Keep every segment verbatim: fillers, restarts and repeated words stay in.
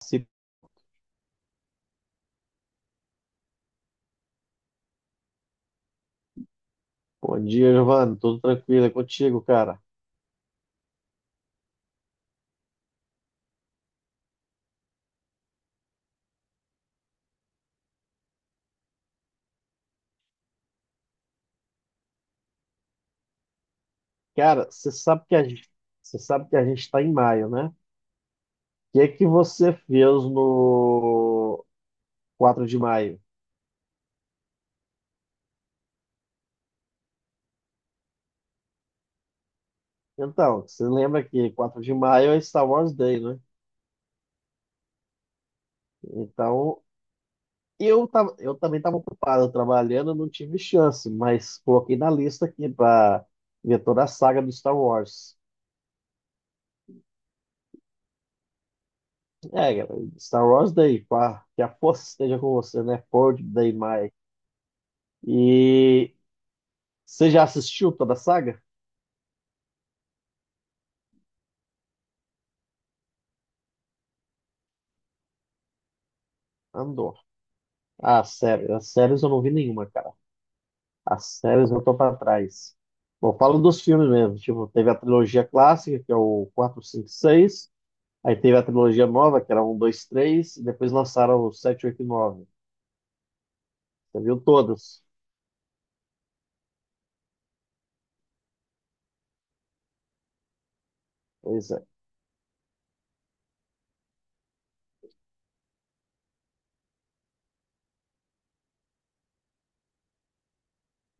Se- Bom dia, Giovanni. Tudo tranquilo, é contigo, cara. Cara, você sabe que a gente, você sabe que a gente está em maio, né? O que é que você fez no quatro de maio? Então, você lembra que quatro de maio é Star Wars Day, né? Então, eu tava, eu também estava ocupado trabalhando, não tive chance, mas coloquei na lista aqui para ver toda a saga do Star Wars. É, galera, Star Wars Day, pá, que a força esteja com você, né? quatro Day Maio. E você já assistiu toda a saga? Andor. Ah, sério. As séries eu não vi nenhuma, cara. As séries eu tô pra trás. Bom, falo dos filmes mesmo. Tipo, teve a trilogia clássica, que é o quatro, cinco, seis. Aí teve a trilogia nova, que era um, dois, três. E depois lançaram o sete, oito e nove. Você viu todos? Pois é.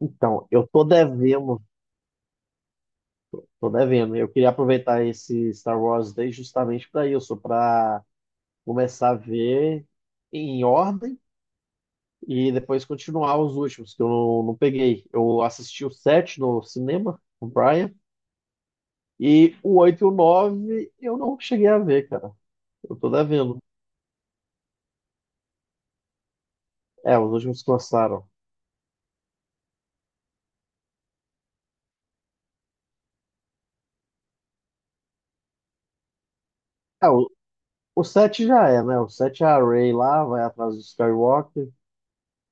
Então, eu tô devendo. Tô devendo. Eu queria aproveitar esse Star Wars Day justamente para isso, para começar a ver em ordem e depois continuar os últimos, que eu não, não peguei. Eu assisti o sete no cinema, com o Brian, e o oito e o nove eu não cheguei a ver, cara. Eu tô devendo. É, os últimos que lançaram. É, o, o sete já é, né? O sete é a Rey lá, vai atrás do Skywalker,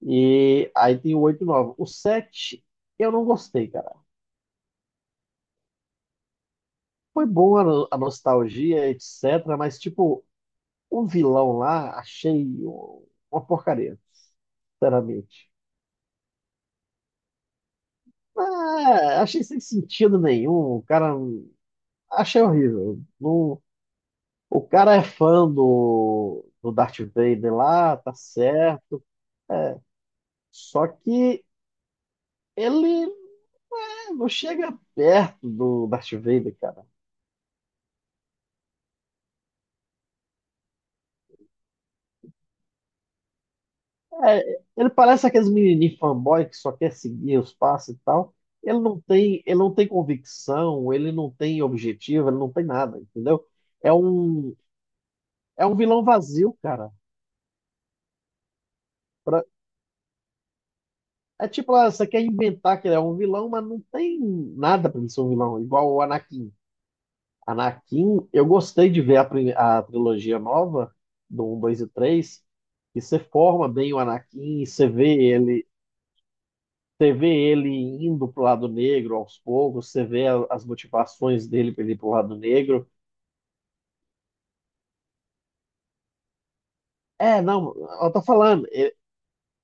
e aí tem o oito e o nove. O sete eu não gostei, cara. Foi bom a, no- a nostalgia, etc, mas, tipo, o vilão lá achei um, uma porcaria, sinceramente. Ah, achei sem sentido nenhum. O cara. Achei horrível. Não- o cara é fã do, do Darth Vader lá, tá certo. É, só que ele, né, não chega perto do Darth Vader, cara. É, ele parece aqueles menininhos fanboy que só quer seguir os passos e tal. Ele não tem, ele não tem convicção, ele não tem objetivo, ele não tem nada, entendeu? É um, é um vilão vazio, cara. É tipo lá, você quer inventar que ele é um vilão, mas não tem nada pra ele ser um vilão, igual o Anakin. Anakin, eu gostei de ver a, prime- a trilogia nova, do um, dois e três. E você forma bem o Anakin, e você vê ele, você vê ele indo pro lado negro aos poucos, você vê a- as motivações dele pra ele ir pro lado negro. É, não, eu tô falando, é,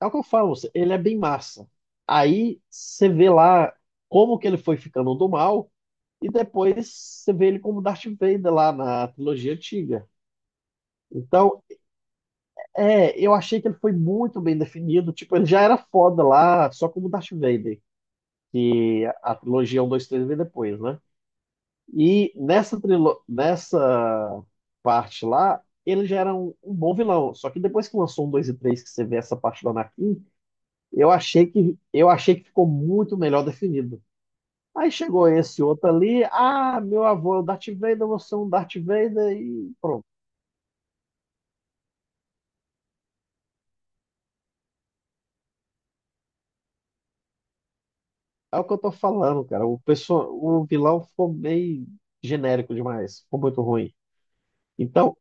é o que eu falo, ele é bem massa. Aí você vê lá como que ele foi ficando do mal. E depois você vê ele como Darth Vader lá na trilogia antiga. Então, é, eu achei que ele foi muito bem definido. Tipo, ele já era foda lá, só como Darth Vader. Que a trilogia um dois três veio depois, né? E nessa, trilo nessa parte lá, ele já era um, um bom vilão. Só que depois que lançou um dois e três que você vê essa parte do Anakin, eu achei que, eu achei que ficou muito melhor definido. Aí chegou esse outro ali, ah, meu avô é o Darth Vader, você é um Darth Vader e pronto. É o que eu tô falando, cara. O pessoal, o vilão ficou meio genérico demais, ficou muito ruim. Então,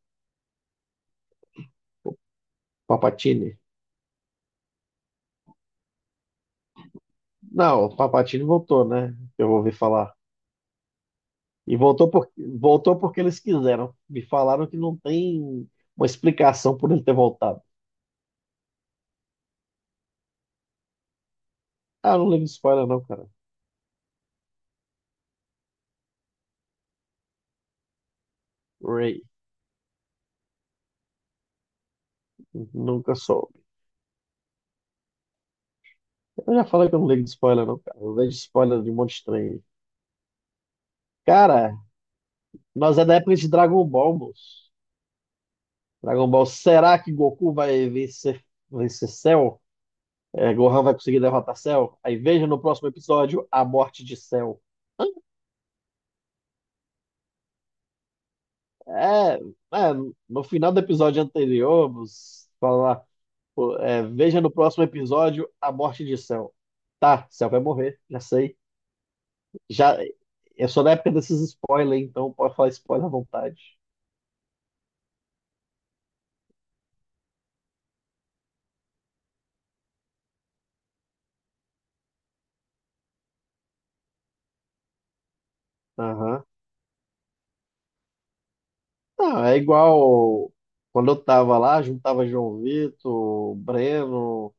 Papatini. Não, o Papatini voltou, né? Eu ouvi falar. E voltou por voltou porque eles quiseram. Me falaram que não tem uma explicação por ele ter voltado. Ah, eu não ligo de spoiler não, cara. Ray, nunca soube. Eu já falei que eu não ligo de spoiler não, cara. Eu vejo spoiler de um monte de estranho. Cara, nós é da época de Dragon Ball, moço. Dragon Ball, será que Goku vai vencer, vencer Cell? É, Gohan vai conseguir derrotar Cell? Aí veja no próximo episódio a morte de Cell. É, é, no final do episódio anterior, moço, fala lá, pô, é, veja no próximo episódio a morte de Cell. Tá, Cell vai morrer, já sei. Já, eu sou da época desses spoilers, então pode falar spoiler à vontade. Aham. Não, é igual quando eu tava lá, juntava João Vitor, Breno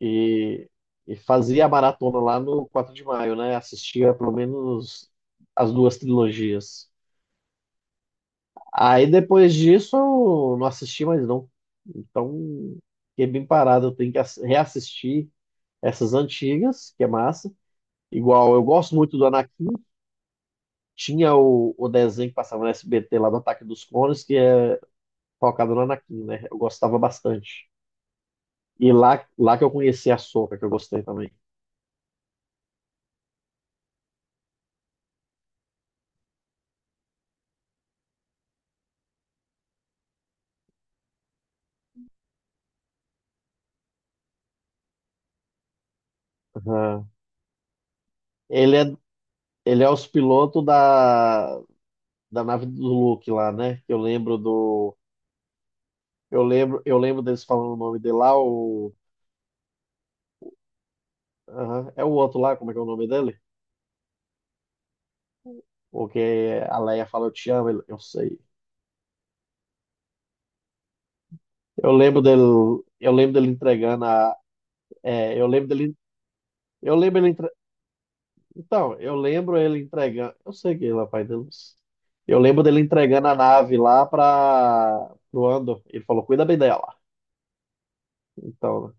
e, e fazia a maratona lá no quatro de maio, né? Assistia pelo menos as duas trilogias. Aí depois disso eu não assisti mais não. Então fiquei bem parado, eu tenho que ass- reassistir essas antigas, que é massa. Igual eu gosto muito do Anakin. Tinha o, o desenho que passava no S B T lá do Ataque dos Clones, que é focado no Anakin, né? Eu gostava bastante. E lá, lá que eu conheci a Sokka, que eu gostei também. Aham. Ele é, ele é os pilotos da, da nave do Luke lá, né? Que eu lembro do. Eu lembro, eu lembro deles falando o nome dele lá, o. Aham, é o outro lá, como é que é o nome dele? O que a Leia fala, eu te amo, ele, eu sei. Eu lembro dele, eu lembro dele entregando a. é, eu lembro dele, eu lembro ele Então, eu lembro ele entregando. Eu sei que ele é o pai deles. Eu lembro dele entregando a nave lá para o Andor. Ele falou: cuida bem dela. Então,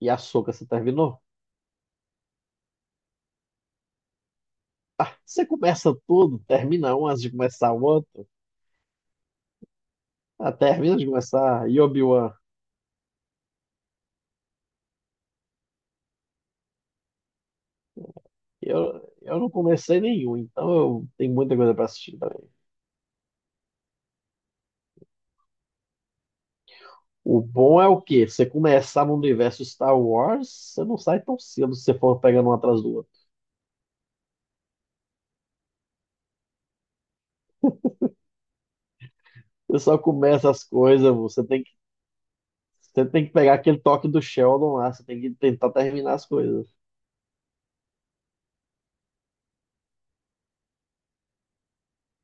e a Sokka, você terminou? Ah, você começa tudo, termina um antes de começar o outro. Ah, termina de começar. E Obi-Wan? Eu, eu não comecei nenhum, então eu tenho muita coisa para assistir também. O bom é o quê? Você começar no universo Star Wars, você não sai tão cedo se você for pegando um atrás do outro. Você só começa as coisas, você tem Você tem que pegar aquele toque do Sheldon lá, você tem que tentar terminar as coisas.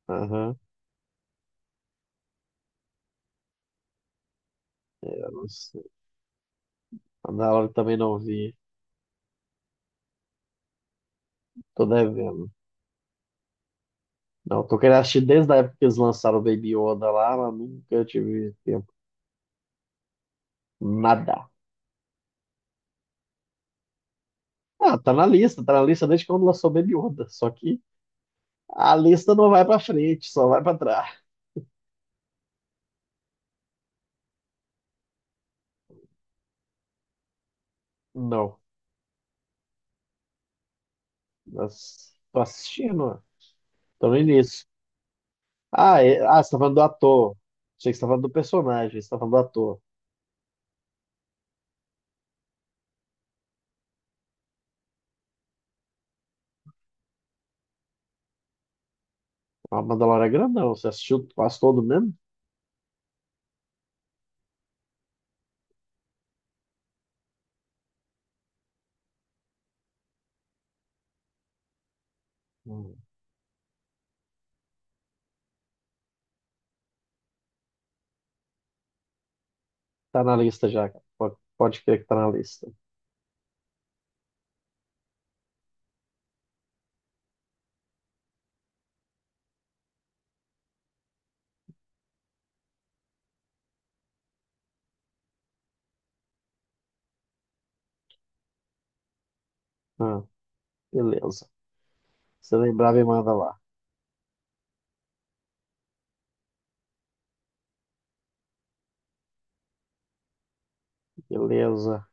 Aham, eu não sei. A da também não vi. Tô devendo. Não, tô querendo assistir desde a época que eles lançaram o Baby Yoda lá, mas nunca tive tempo. Nada. Ah, tá na lista, tá na lista desde quando lançou o Baby Yoda. Só que a lista não vai pra frente, só vai pra trás. Não. Mas tô assistindo, ó. Tô no início. Ah, é- ah, você tá falando do ator. Achei que você tá falando do personagem, você tá falando do ator. A Mandalorian é grandão, você assistiu quase todo mesmo? Hum. Tá na lista já, cara. Pode, pode crer que tá na lista. Ah, beleza. Se lembrar, me manda lá. Beleza.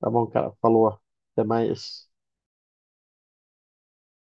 Tá bom, cara. Falou. Até mais.